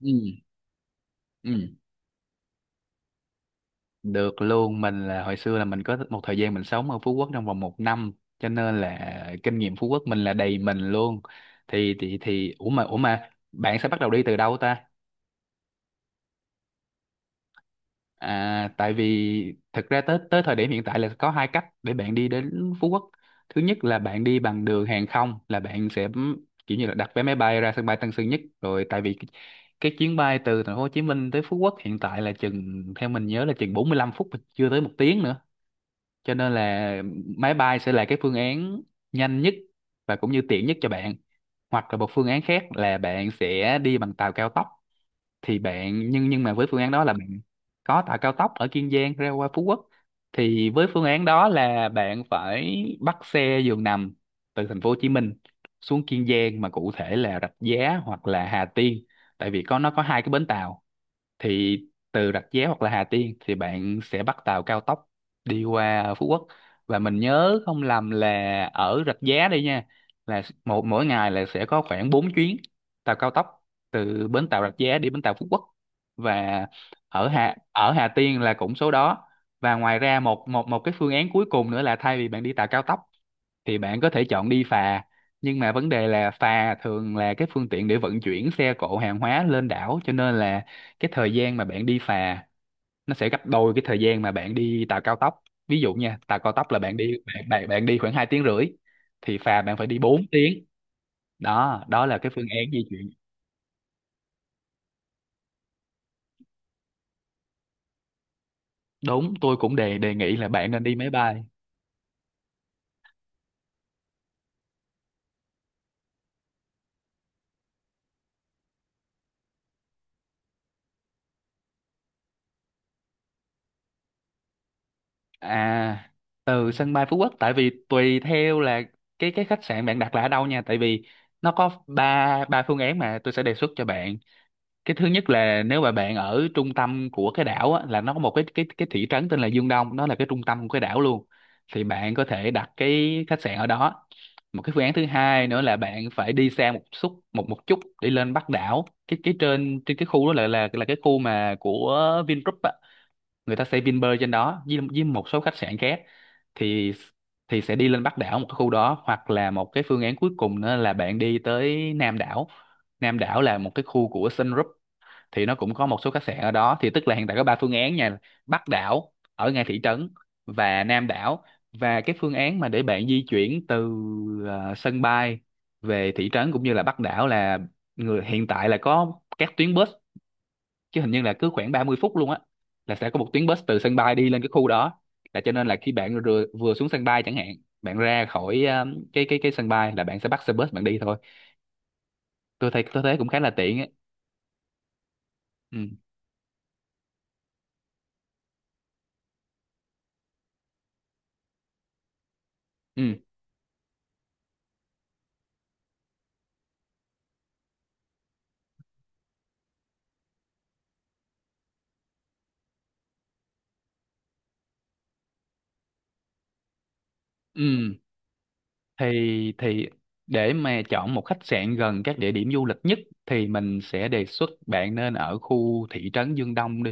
Ừ, ừ, được luôn. Mình là hồi xưa là mình có một thời gian mình sống ở Phú Quốc trong vòng một năm, cho nên là kinh nghiệm Phú Quốc mình là đầy mình luôn. Thì thì thì ủa mà ủa mà bạn sẽ bắt đầu đi từ đâu ta? À, tại vì thực ra tới tới thời điểm hiện tại là có hai cách để bạn đi đến Phú Quốc. Thứ nhất là bạn đi bằng đường hàng không, là bạn sẽ kiểu như là đặt vé máy bay ra sân bay Tân Sơn Nhất rồi. Tại vì cái chuyến bay từ thành phố Hồ Chí Minh tới Phú Quốc hiện tại là chừng, theo mình nhớ là chừng 45 phút, chưa tới một tiếng nữa. Cho nên là máy bay sẽ là cái phương án nhanh nhất và cũng như tiện nhất cho bạn. Hoặc là một phương án khác là bạn sẽ đi bằng tàu cao tốc. Thì bạn nhưng nhưng mà với phương án đó là bạn có tàu cao tốc ở Kiên Giang ra qua Phú Quốc. Thì với phương án đó là bạn phải bắt xe giường nằm từ thành phố Hồ Chí Minh xuống Kiên Giang, mà cụ thể là Rạch Giá hoặc là Hà Tiên, tại vì nó có hai cái bến tàu. Thì từ Rạch Giá hoặc là Hà Tiên thì bạn sẽ bắt tàu cao tốc đi qua Phú Quốc. Và mình nhớ không lầm là ở Rạch Giá đây nha, là một mỗi ngày là sẽ có khoảng 4 chuyến tàu cao tốc từ bến tàu Rạch Giá đi bến tàu Phú Quốc. Và ở Hà Tiên là cũng số đó. Và ngoài ra một một một cái phương án cuối cùng nữa là thay vì bạn đi tàu cao tốc thì bạn có thể chọn đi phà. Nhưng mà vấn đề là phà thường là cái phương tiện để vận chuyển xe cộ hàng hóa lên đảo, cho nên là cái thời gian mà bạn đi phà nó sẽ gấp đôi cái thời gian mà bạn đi tàu cao tốc. Ví dụ nha, tàu cao tốc là bạn đi khoảng 2 tiếng rưỡi, thì phà bạn phải đi 4 tiếng. Đó đó là cái phương án di chuyển. Đúng, tôi cũng đề đề nghị là bạn nên đi máy bay. À, từ sân bay Phú Quốc, tại vì tùy theo là cái khách sạn bạn đặt là ở đâu nha. Tại vì nó có ba ba phương án mà tôi sẽ đề xuất cho bạn. Cái thứ nhất là nếu mà bạn ở trung tâm của cái đảo á, là nó có một cái thị trấn tên là Dương Đông, nó là cái trung tâm của cái đảo luôn. Thì bạn có thể đặt cái khách sạn ở đó. Một cái phương án thứ hai nữa là bạn phải đi xa một chút để lên Bắc đảo. Cái trên trên cái khu đó là cái khu mà của Vingroup á, người ta xây Vinpearl trên đó với một số khách sạn khác. Thì thì sẽ đi lên Bắc đảo một cái khu đó. Hoặc là một cái phương án cuối cùng nữa là bạn đi tới Nam đảo. Nam đảo là một cái khu của Sun Group, thì nó cũng có một số khách sạn ở đó. Thì tức là hiện tại có ba phương án nha: Bắc đảo, ở ngay thị trấn, và Nam đảo. Và cái phương án mà để bạn di chuyển từ sân bay về thị trấn cũng như là Bắc đảo là người hiện tại là có các tuyến bus, chứ hình như là cứ khoảng 30 phút luôn á là sẽ có một tuyến bus từ sân bay đi lên cái khu đó. Là cho nên là khi bạn vừa xuống sân bay chẳng hạn, bạn ra khỏi cái sân bay là bạn sẽ bắt xe bus bạn đi thôi. Tôi thấy cũng khá là tiện á. Ừ, ừ, ừ, thì để mà chọn một khách sạn gần các địa điểm du lịch nhất thì mình sẽ đề xuất bạn nên ở khu thị trấn Dương Đông đi,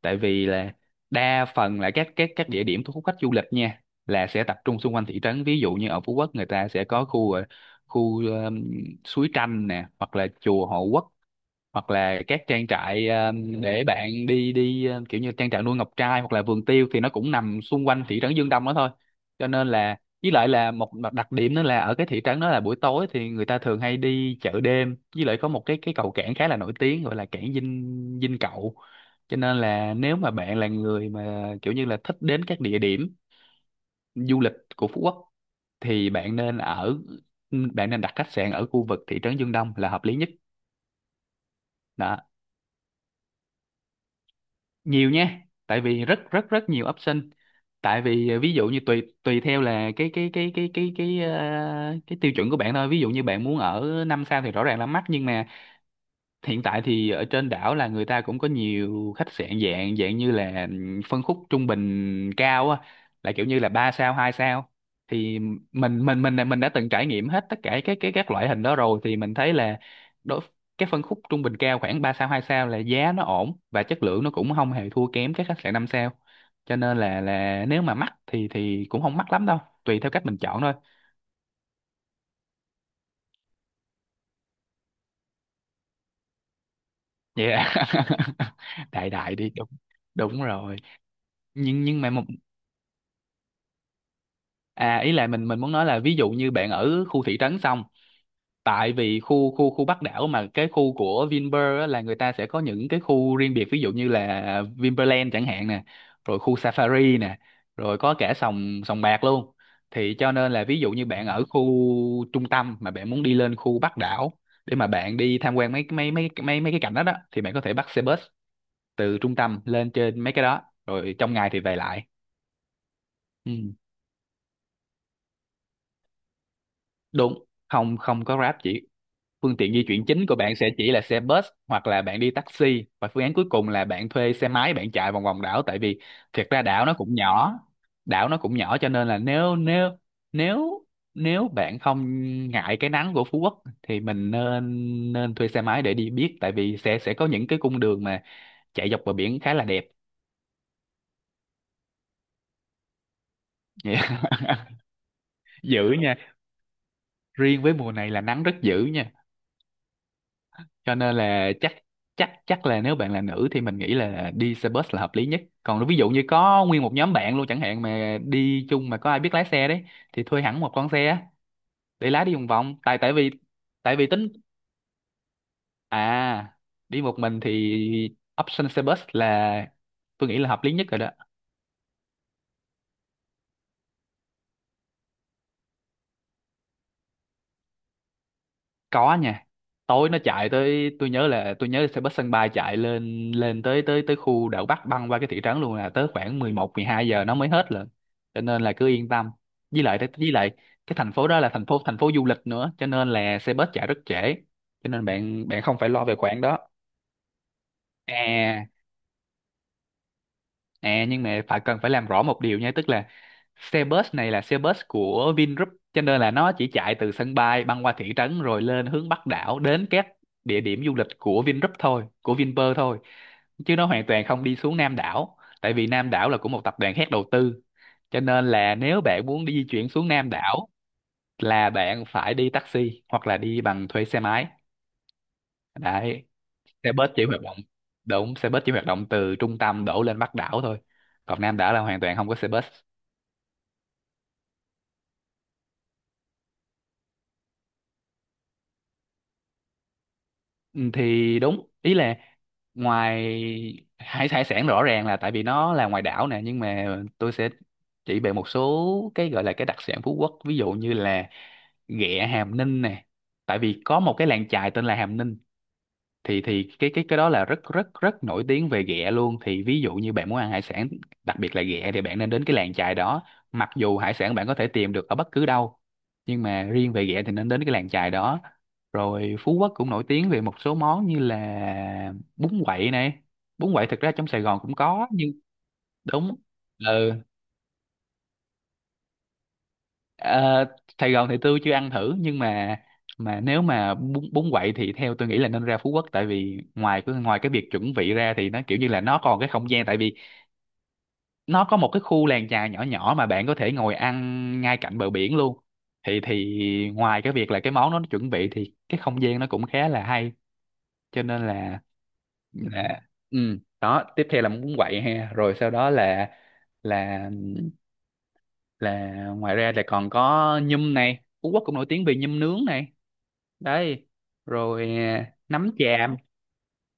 tại vì là đa phần là các địa điểm thu hút khách du lịch nha là sẽ tập trung xung quanh thị trấn. Ví dụ như ở Phú Quốc người ta sẽ có khu suối Tranh nè, hoặc là chùa Hộ Quốc, hoặc là các trang trại để bạn đi đi ờ, kiểu như trang trại nuôi ngọc trai hoặc là vườn tiêu, thì nó cũng nằm xung quanh thị trấn Dương Đông đó thôi. Cho nên là với lại là một mặt đặc điểm nữa là ở cái thị trấn đó là buổi tối thì người ta thường hay đi chợ đêm. Với lại có một cái cầu cảng khá là nổi tiếng gọi là cảng Dinh Dinh Cậu Cho nên là nếu mà bạn là người mà kiểu như là thích đến các địa điểm du lịch của Phú Quốc thì bạn nên đặt khách sạn ở khu vực thị trấn Dương Đông là hợp lý nhất đó. Nhiều nha, tại vì rất rất rất nhiều option. Tại vì ờ, ví dụ như tùy tùy theo là cái tiêu chuẩn của bạn thôi. Ví dụ như bạn muốn ở năm sao thì rõ ràng là mắc. Nhưng mà hiện tại thì ở trên đảo là người ta cũng có nhiều khách sạn dạng dạng như là phân khúc trung bình cao á, là kiểu như là ba sao hai sao. Thì mình đã từng trải nghiệm hết tất cả các loại hình đó rồi, thì mình thấy là đối cái phân khúc trung bình cao khoảng 3 sao 2 sao là giá nó ổn và chất lượng nó cũng không hề thua kém các khách sạn 5 sao. Cho nên là nếu mà mắc thì cũng không mắc lắm đâu, tùy theo cách mình chọn thôi. Yeah. Đại đại đi, đúng, đúng rồi. Nhưng mà một. À, ý là mình muốn nói là ví dụ như bạn ở khu thị trấn xong, tại vì khu khu khu Bắc đảo mà cái khu của Vinpearl á, là người ta sẽ có những cái khu riêng biệt, ví dụ như là Vinpearland chẳng hạn nè, rồi khu Safari nè, rồi có cả sòng sòng bạc luôn. Thì cho nên là ví dụ như bạn ở khu trung tâm mà bạn muốn đi lên khu Bắc đảo để mà bạn đi tham quan mấy mấy mấy mấy mấy cái cảnh đó đó thì bạn có thể bắt xe bus từ trung tâm lên trên mấy cái đó, rồi trong ngày thì về lại. Ừ, đúng, không, không có Grab chỉ. Phương tiện di chuyển chính của bạn sẽ chỉ là xe bus hoặc là bạn đi taxi, và phương án cuối cùng là bạn thuê xe máy bạn chạy vòng vòng đảo, tại vì thiệt ra đảo nó cũng nhỏ. Cho nên là nếu nếu nếu nếu bạn không ngại cái nắng của Phú Quốc thì mình nên nên thuê xe máy để đi biết, tại vì sẽ có những cái cung đường mà chạy dọc bờ biển khá là đẹp. Dữ nha. Riêng với mùa này là nắng rất dữ nha, cho nên là chắc chắc chắc là nếu bạn là nữ thì mình nghĩ là đi xe bus là hợp lý nhất. Còn ví dụ như có nguyên một nhóm bạn luôn chẳng hạn mà đi chung mà có ai biết lái xe đấy, thì thuê hẳn một con xe á, để lái đi vòng vòng, tại tại vì tính. À, đi một mình thì option xe bus là tôi nghĩ là hợp lý nhất rồi đó. Có nha, tối nó chạy tới. Tôi nhớ xe bus sân bay chạy lên lên tới tới tới khu đảo Bắc băng qua cái thị trấn luôn, là tới khoảng mười một, mười hai giờ nó mới hết lận. Cho nên là cứ yên tâm. Với lại cái thành phố đó là thành phố du lịch nữa, cho nên là xe bus chạy rất trễ. Cho nên bạn bạn không phải lo về khoản đó. À. À, nhưng mà phải cần phải làm rõ một điều nha, tức là xe bus này là xe bus của Vingroup, cho nên là nó chỉ chạy từ sân bay băng qua thị trấn rồi lên hướng Bắc đảo đến các địa điểm du lịch của Vingroup thôi, của Vinpearl thôi. Chứ nó hoàn toàn không đi xuống Nam đảo, tại vì Nam đảo là của một tập đoàn khác đầu tư. Cho nên là nếu bạn muốn đi di chuyển xuống Nam đảo là bạn phải đi taxi hoặc là đi bằng thuê xe máy. Đấy, xe bus chỉ hoạt động, đúng, xe bus chỉ hoạt động từ trung tâm đổ lên Bắc đảo thôi, còn Nam đảo là hoàn toàn không có xe bus. Ừ, thì đúng, ý là ngoài hải hải sản rõ ràng là tại vì nó là ngoài đảo nè, nhưng mà tôi sẽ chỉ về một số cái gọi là cái đặc sản Phú Quốc, ví dụ như là ghẹ Hàm Ninh nè, tại vì có một cái làng chài tên là Hàm Ninh. Thì cái đó là rất rất rất nổi tiếng về ghẹ luôn. Thì ví dụ như bạn muốn ăn hải sản, đặc biệt là ghẹ, thì bạn nên đến cái làng chài đó, mặc dù hải sản bạn có thể tìm được ở bất cứ đâu, nhưng mà riêng về ghẹ thì nên đến cái làng chài đó. Rồi Phú Quốc cũng nổi tiếng về một số món như là bún quậy này, bún quậy thực ra trong Sài Gòn cũng có nhưng đúng. Ừ. Ờ, Sài Gòn thì tôi chưa ăn thử, nhưng mà nếu mà bún bún quậy thì theo tôi nghĩ là nên ra Phú Quốc, tại vì ngoài cái việc chuẩn bị ra thì nó kiểu như là nó còn cái không gian, tại vì nó có một cái khu làng chài nhỏ nhỏ mà bạn có thể ngồi ăn ngay cạnh bờ biển luôn. Thì ngoài cái việc là cái món nó chuẩn bị thì cái không gian nó cũng khá là hay, cho nên là ừ đó. Tiếp theo là bún quậy ha, rồi sau đó là là ngoài ra là còn có nhum này, Phú Quốc cũng nổi tiếng về nhum nướng này. Đấy, rồi à, nấm tràm.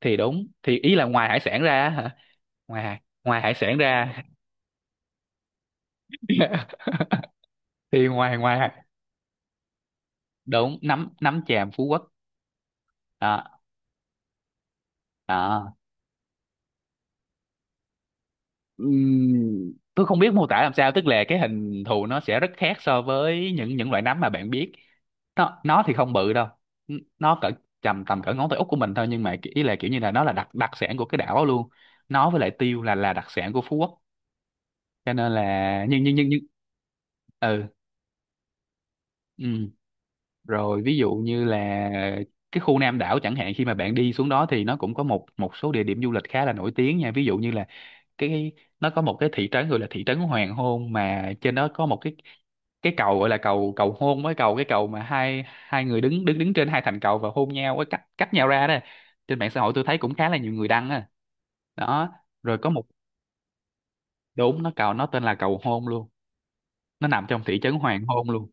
Thì đúng, thì ý là ngoài hải sản ra á hả, ngoài ngoài hải sản ra. Thì ngoài ngoài đúng nấm nấm tràm Phú Quốc. Đó. Đó. Tôi không biết mô tả làm sao, tức là cái hình thù nó sẽ rất khác so với những loại nấm mà bạn biết. Nó thì không bự đâu. Nó cỡ tầm tầm cỡ ngón tay út của mình thôi, nhưng mà ý là kiểu như là nó là đặc đặc sản của cái đảo đó luôn. Nó với lại tiêu là đặc sản của Phú Quốc, cho nên là nhưng ừ ừ rồi, ví dụ như là cái khu Nam đảo chẳng hạn, khi mà bạn đi xuống đó thì nó cũng có một một số địa điểm du lịch khá là nổi tiếng nha, ví dụ như là cái nó có một cái thị trấn gọi là thị trấn Hoàng Hôn, mà trên đó có một cái cầu gọi là cầu cầu hôn, với cầu cái cầu mà hai hai người đứng đứng đứng trên hai thành cầu và hôn nhau, với cách cách nhau ra đó. Trên mạng xã hội tôi thấy cũng khá là nhiều người đăng á. Đó, rồi có một đúng nó cầu nó tên là cầu hôn luôn, nó nằm trong thị trấn Hoàng Hôn luôn.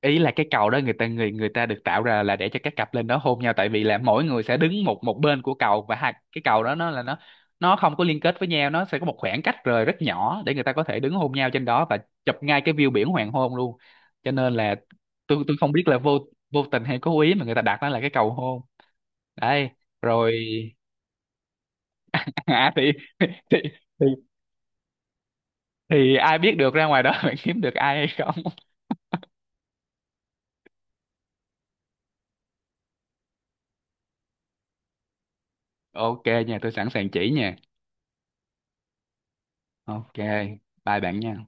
Ý là cái cầu đó người ta người người ta được tạo ra là để cho các cặp lên đó hôn nhau, tại vì là mỗi người sẽ đứng một một bên của cầu, và hai cái cầu đó nó là nó không có liên kết với nhau, nó sẽ có một khoảng cách rời rất nhỏ để người ta có thể đứng hôn nhau trên đó và chụp ngay cái view biển hoàng hôn luôn. Cho nên là tôi không biết là vô vô tình hay cố ý mà người ta đặt nó là cái cầu hôn. Đấy, rồi à, thì thì thì ai biết được, ra ngoài đó bạn kiếm được ai hay không. Ok nha, tôi sẵn sàng chỉ nha. Ok, bye bạn nha.